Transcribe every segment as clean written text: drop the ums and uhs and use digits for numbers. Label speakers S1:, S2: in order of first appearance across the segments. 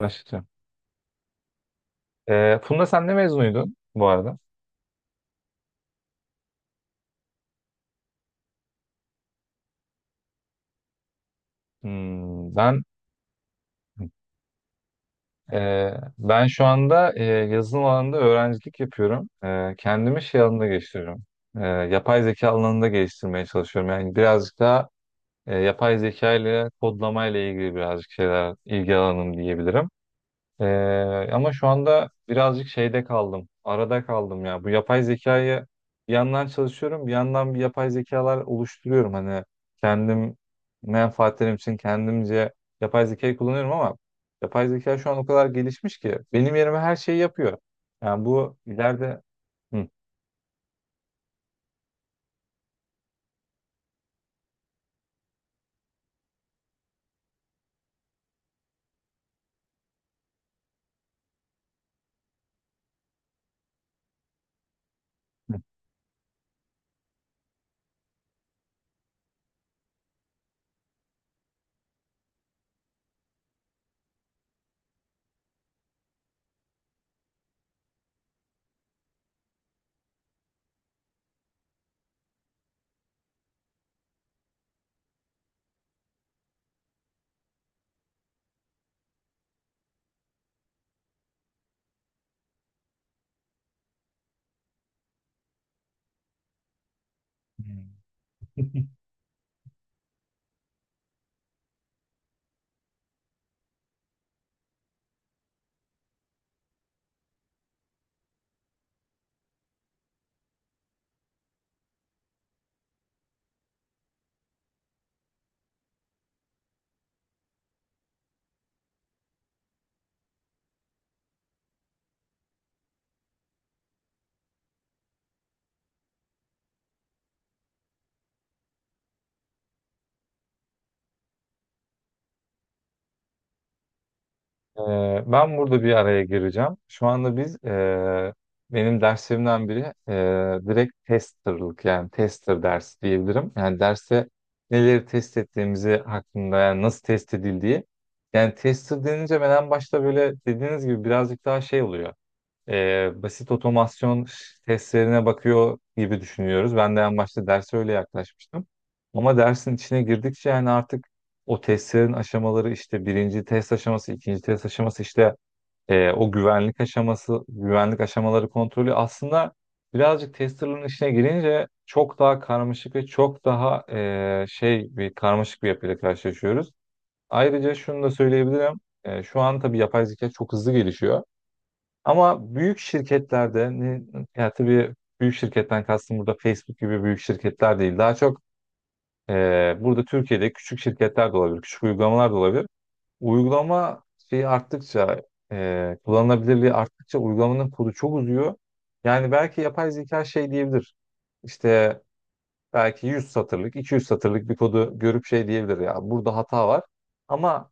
S1: Araştıracağım. Funda, sen ne mezunuydun bu arada? Hmm, ben e, ben şu anda yazılım alanında öğrencilik yapıyorum. Kendimi şey alanında geliştiriyorum. Yapay zeka alanında geliştirmeye çalışıyorum. Yani birazcık daha yapay zeka ile kodlama ile ilgili birazcık şeyler ilgi alanım diyebilirim. Ama şu anda birazcık şeyde kaldım. Arada kaldım ya. Bu yapay zekayı bir yandan çalışıyorum, bir yandan bir yapay zekalar oluşturuyorum. Hani kendim menfaatlerim için kendimce yapay zekayı kullanıyorum ama yapay zeka şu an o kadar gelişmiş ki benim yerime her şeyi yapıyor. Yani bu ileride. Hı. Hı. Ben burada bir araya gireceğim. Şu anda biz benim derslerimden biri direkt testerlık, yani tester dersi diyebilirim. Yani derste neleri test ettiğimizi hakkında, yani nasıl test edildiği. Yani tester denince ben en başta böyle dediğiniz gibi birazcık daha şey oluyor, basit otomasyon testlerine bakıyor gibi düşünüyoruz. Ben de en başta derse öyle yaklaşmıştım. Ama dersin içine girdikçe, yani artık o testlerin aşamaları, işte birinci test aşaması, ikinci test aşaması, işte o güvenlik aşaması, güvenlik aşamaları kontrolü, aslında birazcık testerların içine girince çok daha karmaşık ve çok daha şey bir karmaşık bir yapıyla karşılaşıyoruz. Ayrıca şunu da söyleyebilirim. E, şu an tabii yapay zeka çok hızlı gelişiyor. Ama büyük şirketlerde ne, yani tabii büyük şirketten kastım burada Facebook gibi büyük şirketler değil. Daha çok e, burada Türkiye'de küçük şirketler de olabilir, küçük uygulamalar da olabilir. Uygulama şeyi arttıkça, kullanılabilirliği arttıkça uygulamanın kodu çok uzuyor. Yani belki yapay zeka şey diyebilir. İşte belki 100 satırlık, 200 satırlık bir kodu görüp şey diyebilir ya, burada hata var. Ama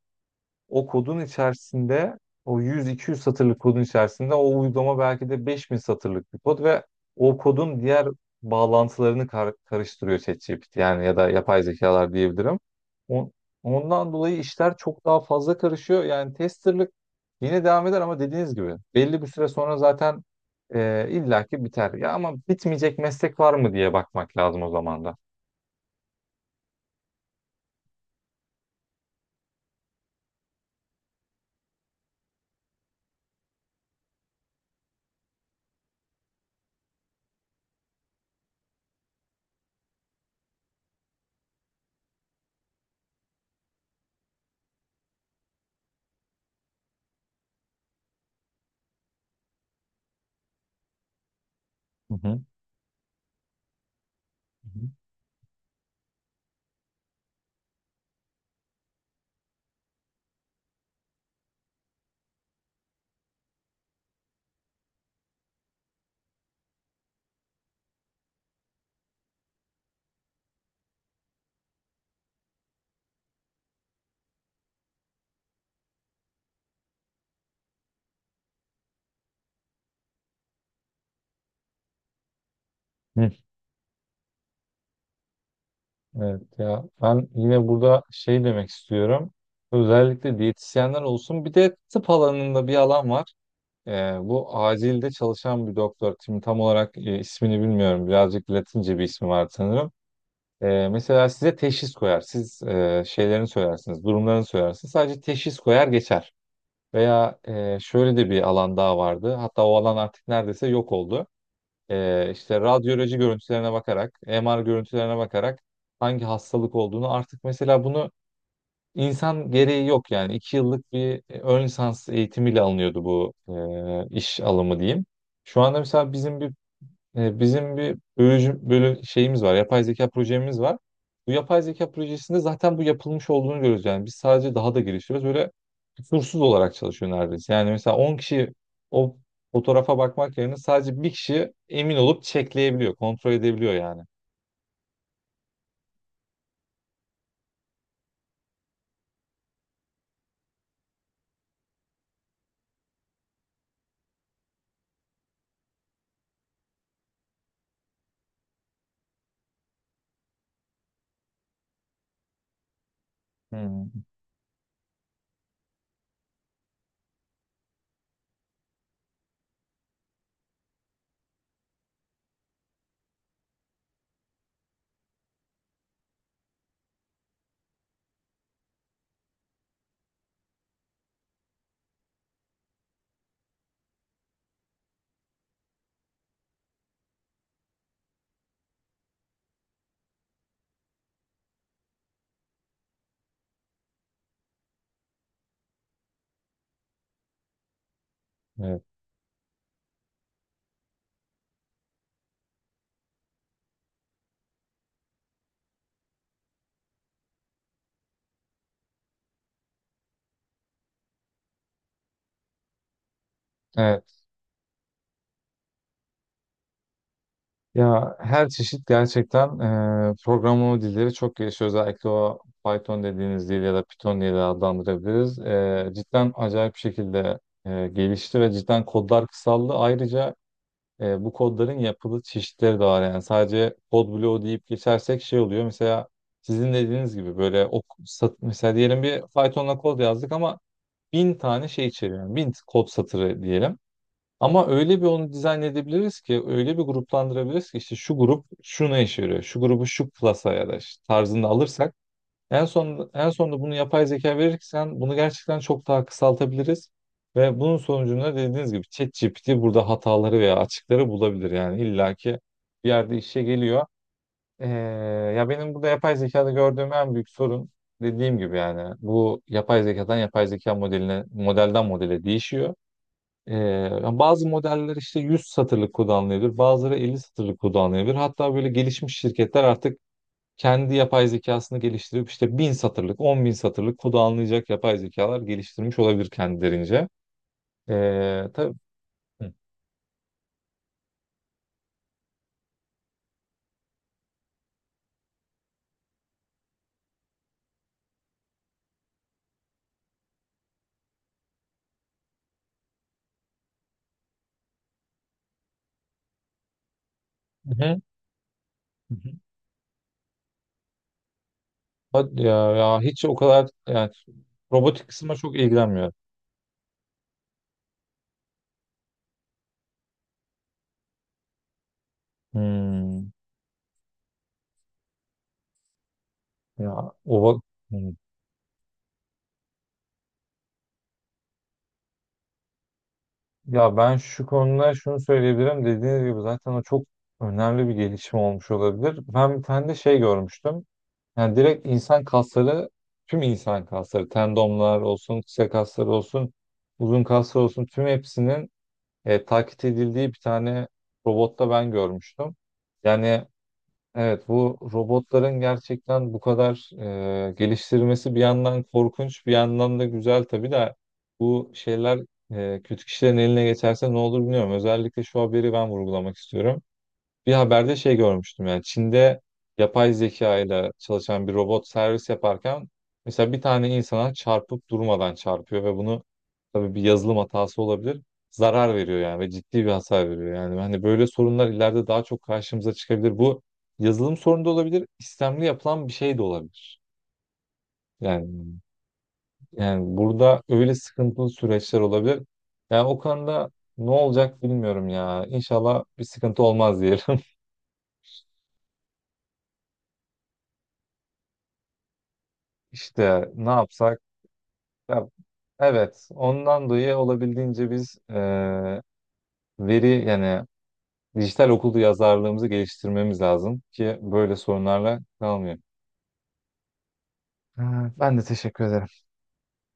S1: o kodun içerisinde, o 100-200 satırlık kodun içerisinde o uygulama belki de 5000 satırlık bir kod ve o kodun diğer bağlantılarını karıştırıyor ChatGPT, yani ya da yapay zekalar diyebilirim. On- ondan dolayı işler çok daha fazla karışıyor. Yani testerlık yine devam eder ama dediğiniz gibi belli bir süre sonra zaten illaki biter. Ya ama bitmeyecek meslek var mı diye bakmak lazım o zaman da. Hı hı. Hı hı. Evet ya, ben yine burada şey demek istiyorum. Özellikle diyetisyenler olsun. Bir de tıp alanında bir alan var. Bu acilde çalışan bir doktor. Şimdi tam olarak ismini bilmiyorum. Birazcık Latince bir ismi var sanırım. Mesela size teşhis koyar. Siz şeylerini söylersiniz, durumlarını söylersiniz. Sadece teşhis koyar geçer. Veya şöyle de bir alan daha vardı. Hatta o alan artık neredeyse yok oldu, işte radyoloji görüntülerine bakarak, MR görüntülerine bakarak hangi hastalık olduğunu, artık mesela bunu insan gereği yok yani. İki yıllık bir ön lisans eğitimiyle alınıyordu bu iş alımı diyeyim. Şu anda mesela bizim bir bölücü, bölü şeyimiz var. Yapay zeka projemiz var. Bu yapay zeka projesinde zaten bu yapılmış olduğunu görüyoruz. Yani biz sadece daha da geliştiriyoruz. Böyle kusursuz olarak çalışıyor neredeyse. Yani mesela 10 kişi o fotoğrafa bakmak yerine sadece bir kişi emin olup çekleyebiliyor, kontrol edebiliyor yani. Hmm. Evet. Evet. Ya, her çeşit gerçekten programlama dilleri çok gelişiyor. Özellikle o Python dediğiniz dil ya da Python diye de adlandırabiliriz. E, cidden acayip bir şekilde gelişti ve cidden kodlar kısaldı. Ayrıca bu kodların yapılı çeşitleri de var. Yani sadece kod bloğu deyip geçersek şey oluyor. Mesela sizin dediğiniz gibi böyle o sat, mesela diyelim bir Python'la kod yazdık ama bin tane şey içeriyor. Yani bin kod satırı diyelim. Ama öyle bir onu dizayn edebiliriz ki, öyle bir gruplandırabiliriz ki işte şu grup şuna işe yarıyor, şu grubu şu klasa ya da işte tarzında alırsak en son en sonunda bunu yapay zeka verirsen bunu gerçekten çok daha kısaltabiliriz ve bunun sonucunda dediğiniz gibi ChatGPT burada hataları veya açıkları bulabilir, yani illaki bir yerde işe geliyor. Ee, Ya benim burada yapay zekada gördüğüm en büyük sorun dediğim gibi, yani bu yapay zekadan yapay zeka modeline, modelden modele değişiyor. Yani bazı modeller işte 100 satırlık kullanılabilir, bazıları 50 satırlık kullanılabilir. Hatta böyle gelişmiş şirketler artık kendi yapay zekasını geliştirip işte bin satırlık, 10.000 satırlık kullanılacak yapay zekalar geliştirmiş olabilir kendilerince. Tabii. Hı. Hı hı. Hadi ya, ya hiç o kadar yani robotik kısmına çok ilgilenmiyorum. Hmm, ya o hmm. Ya ben şu konuda şunu söyleyebilirim, dediğiniz gibi zaten o çok önemli bir gelişim olmuş olabilir. Ben bir tane de şey görmüştüm. Yani direkt insan kasları, tüm insan kasları, tendonlar olsun, kısa kaslar olsun, uzun kaslar olsun, tüm hepsinin taklit edildiği bir tane robotta ben görmüştüm. Yani evet, bu robotların gerçekten bu kadar geliştirmesi bir yandan korkunç, bir yandan da güzel tabii de bu şeyler kötü kişilerin eline geçerse ne olur bilmiyorum. Özellikle şu haberi ben vurgulamak istiyorum. Bir haberde şey görmüştüm, yani Çin'de yapay zeka ile çalışan bir robot servis yaparken mesela bir tane insana çarpıp durmadan çarpıyor ve bunu tabii bir yazılım hatası olabilir. Zarar veriyor yani ve ciddi bir hasar veriyor. Yani hani böyle sorunlar ileride daha çok karşımıza çıkabilir. Bu yazılım sorunu da olabilir, istemli yapılan bir şey de olabilir. Yani yani burada öyle sıkıntılı süreçler olabilir. Yani o konuda ne olacak bilmiyorum ya. İnşallah bir sıkıntı olmaz diyelim. İşte ne yapsak. Ya, evet, ondan dolayı olabildiğince biz veri, yani dijital okul yazarlığımızı geliştirmemiz lazım ki böyle sorunlarla kalmayalım. Ha, ben de teşekkür ederim.